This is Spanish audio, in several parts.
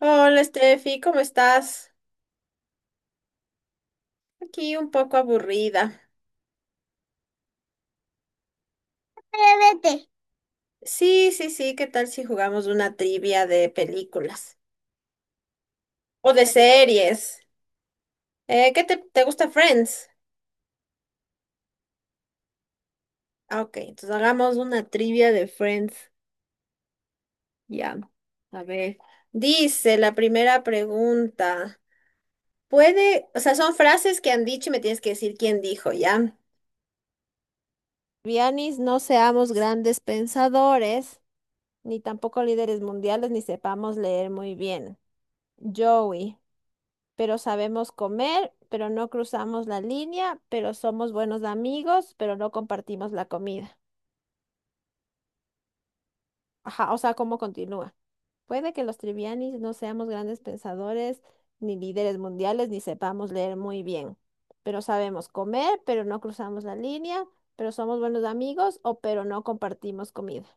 Hola, Steffi, ¿cómo estás? Aquí un poco aburrida. Vete. Sí, sí, sí, ¿qué tal si jugamos una trivia de películas o de series? ¿Qué te gusta Friends? Ah, ok, entonces hagamos una trivia de Friends. Ya, a ver. Dice la primera pregunta. Puede, o sea, son frases que han dicho y me tienes que decir quién dijo, ¿ya? Vianis, no seamos grandes pensadores, ni tampoco líderes mundiales, ni sepamos leer muy bien. Joey, pero sabemos comer, pero no cruzamos la línea, pero somos buenos amigos, pero no compartimos la comida. Ajá, o sea, ¿cómo continúa? Puede que los trivianis no seamos grandes pensadores, ni líderes mundiales, ni sepamos leer muy bien, pero sabemos comer, pero no cruzamos la línea, pero somos buenos amigos o pero no compartimos comida.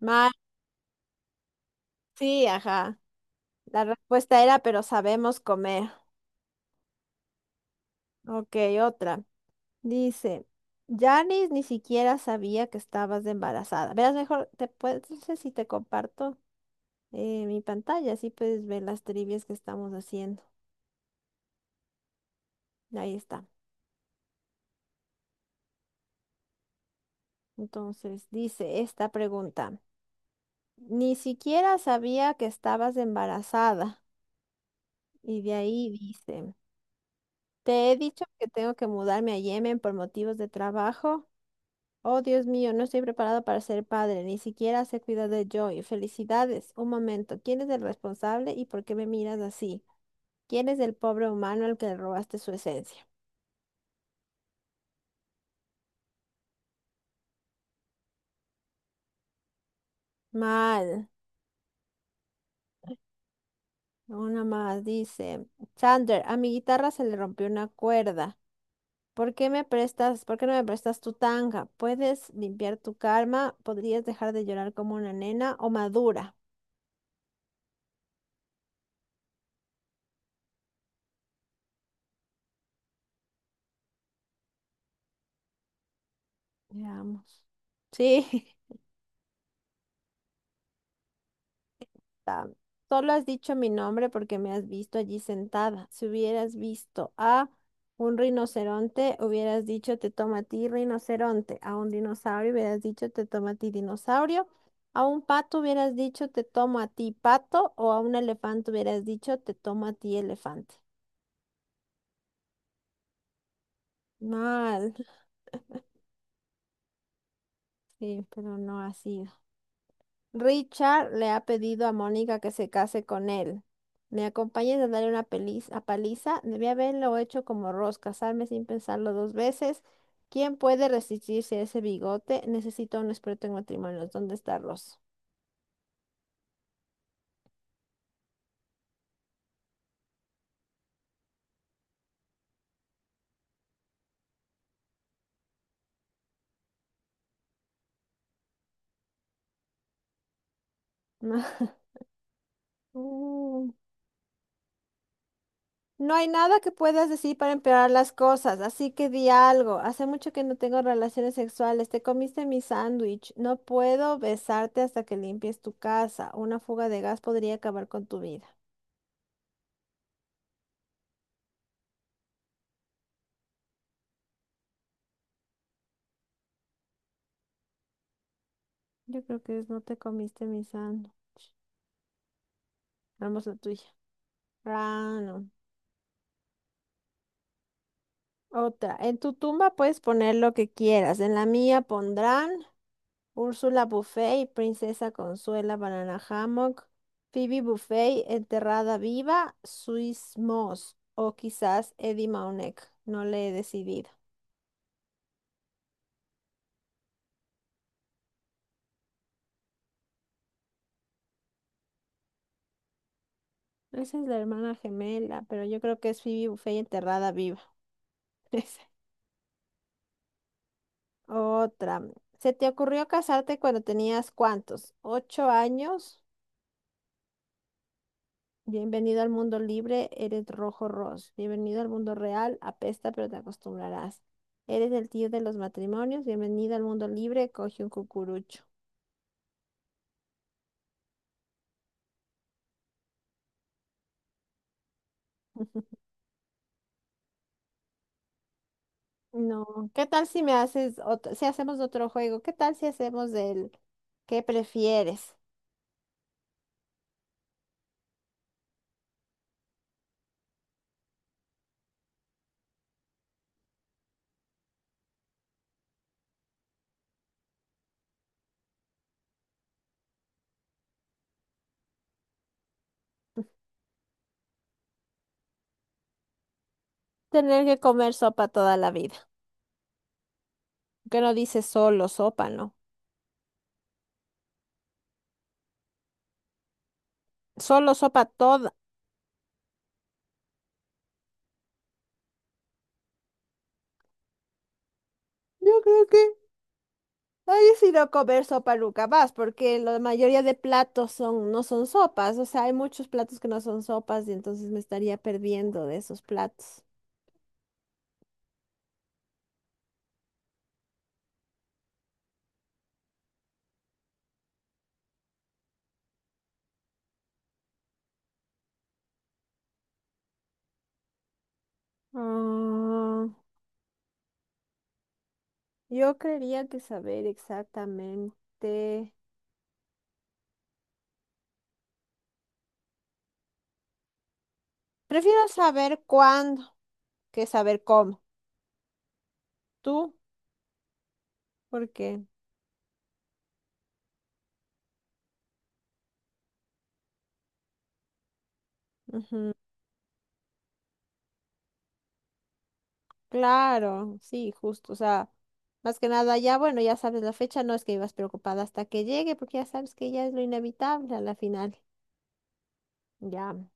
Mal, sí, ajá. La respuesta era, pero sabemos comer. Ok, otra. Dice, Janice ni siquiera sabía que estabas embarazada. Verás, mejor te puedes, no sé si te comparto mi pantalla, así puedes ver las trivias que estamos haciendo. Ahí está. Entonces, dice esta pregunta, ni siquiera sabía que estabas embarazada. Y de ahí dice, te he dicho que tengo que mudarme a Yemen por motivos de trabajo. Oh, Dios mío, no estoy preparado para ser padre, ni siquiera sé cuidar de Joy. Felicidades. Un momento, ¿quién es el responsable y por qué me miras así? ¿Quién es el pobre humano al que le robaste su esencia? Mal. Una más dice, Sander, a mi guitarra se le rompió una cuerda. ¿Por qué me prestas, por qué no me prestas tu tanga? ¿Puedes limpiar tu karma? ¿Podrías dejar de llorar como una nena o madura? Veamos. Sí. Ta- Solo has dicho mi nombre porque me has visto allí sentada. Si hubieras visto a un rinoceronte, hubieras dicho te toma a ti rinoceronte. A un dinosaurio hubieras dicho te toma a ti dinosaurio. A un pato hubieras dicho te tomo a ti pato. O a un elefante hubieras dicho te tomo a ti elefante. Mal. Sí, pero no así. Richard le ha pedido a Mónica que se case con él. Me acompañes a darle una a paliza. Debí haberlo hecho como Ross, casarme sin pensarlo dos veces. ¿Quién puede resistirse a ese bigote? Necesito a un experto en matrimonios. ¿Dónde está Ross? Mm, no hay nada que puedas decir para empeorar las cosas, así que di algo. Hace mucho que no tengo relaciones sexuales. Te comiste mi sándwich. No puedo besarte hasta que limpies tu casa. Una fuga de gas podría acabar con tu vida. Yo creo que es no te comiste mi sándwich. Vamos la tuya. Ah, no. Otra. En tu tumba puedes poner lo que quieras. En la mía pondrán Úrsula Buffet y Princesa Consuela Banana Hammock, Phoebe Buffet enterrada viva, Swiss Moss o quizás Eddie Mauneck. No le he decidido. Esa es la hermana gemela, pero yo creo que es Phoebe Buffet enterrada viva. Esa. Otra. ¿Se te ocurrió casarte cuando tenías cuántos? ¿Ocho años? Bienvenido al mundo libre, eres rojo ros. Bienvenido al mundo real, apesta pero te acostumbrarás. Eres el tío de los matrimonios, bienvenido al mundo libre, coge un cucurucho. No, ¿qué tal si me haces otro, si hacemos otro juego? ¿Qué tal si hacemos el ¿qué prefieres? Tener que comer sopa toda la vida. Que no dice solo sopa, ¿no? Solo sopa toda. Yo creo que no he decidido comer sopa nunca más, porque la mayoría de platos son, no son sopas, o sea, hay muchos platos que no son sopas y entonces me estaría perdiendo de esos platos. Ah, yo creería que saber exactamente. Prefiero saber cuándo que saber cómo. ¿Tú? ¿Por qué? Ujú. Claro, sí, justo, o sea, más que nada ya, bueno, ya sabes la fecha, no es que ibas preocupada hasta que llegue, porque ya sabes que ya es lo inevitable a la final, ya.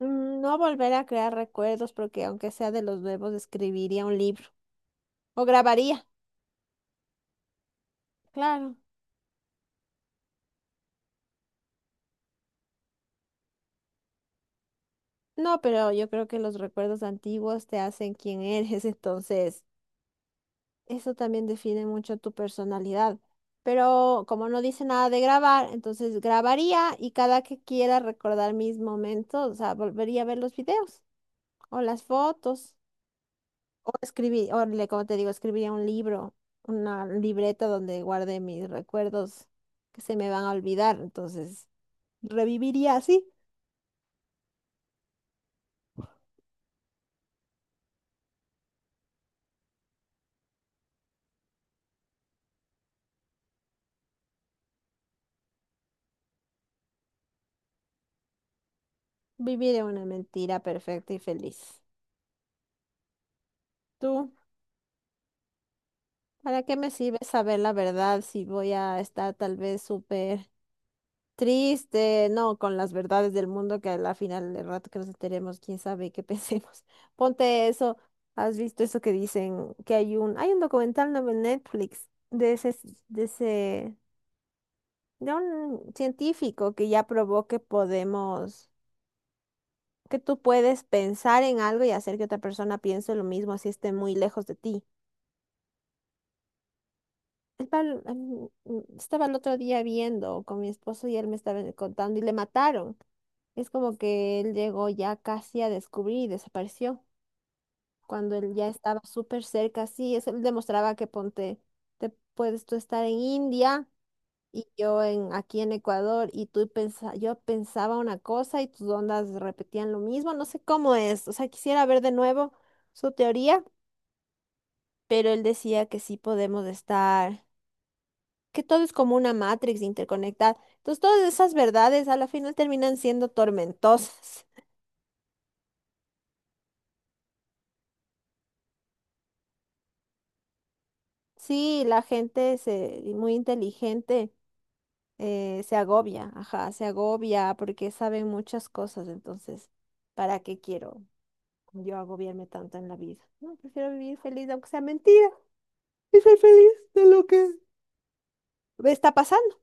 No volver a crear recuerdos, porque aunque sea de los nuevos, escribiría un libro o grabaría, claro. No, pero yo creo que los recuerdos antiguos te hacen quien eres, entonces eso también define mucho tu personalidad. Pero como no dice nada de grabar, entonces grabaría y cada que quiera recordar mis momentos, o sea, volvería a ver los videos o las fotos o escribir, o como te digo, escribiría un libro, una libreta donde guarde mis recuerdos que se me van a olvidar. Entonces, reviviría así, viviría una mentira perfecta y feliz. ¿Tú? ¿Para qué me sirve saber la verdad si voy a estar tal vez súper triste, no, con las verdades del mundo que a la final del rato que nos enteremos, quién sabe qué pensemos. Ponte eso, ¿has visto eso que dicen que hay un documental nuevo en Netflix de ese de un científico que ya probó que podemos que tú puedes pensar en algo y hacer que otra persona piense lo mismo si esté muy lejos de ti. Estaba El pal- mm, mm, estaba el otro día viendo con mi esposo y él me estaba contando y le mataron. Es como que él llegó ya casi a descubrir y desapareció cuando él ya estaba súper cerca. Sí, eso él demostraba que ponte, te puedes tú estar en India y yo en aquí en Ecuador y yo pensaba una cosa y tus ondas repetían lo mismo. No sé cómo es. O sea, quisiera ver de nuevo su teoría, pero él decía que sí podemos estar, que todo es como una matrix interconectada. Entonces, todas esas verdades a la final terminan siendo tormentosas. Sí, muy inteligente se agobia, ajá, se agobia porque saben muchas cosas, entonces, ¿para qué quiero yo agobiarme tanto en la vida? No, prefiero vivir feliz, aunque sea mentira, y ser feliz de lo que me está pasando.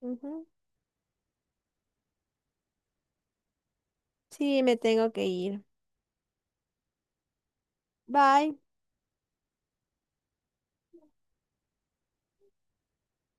Ujú. Sí, me tengo que ir. Bye.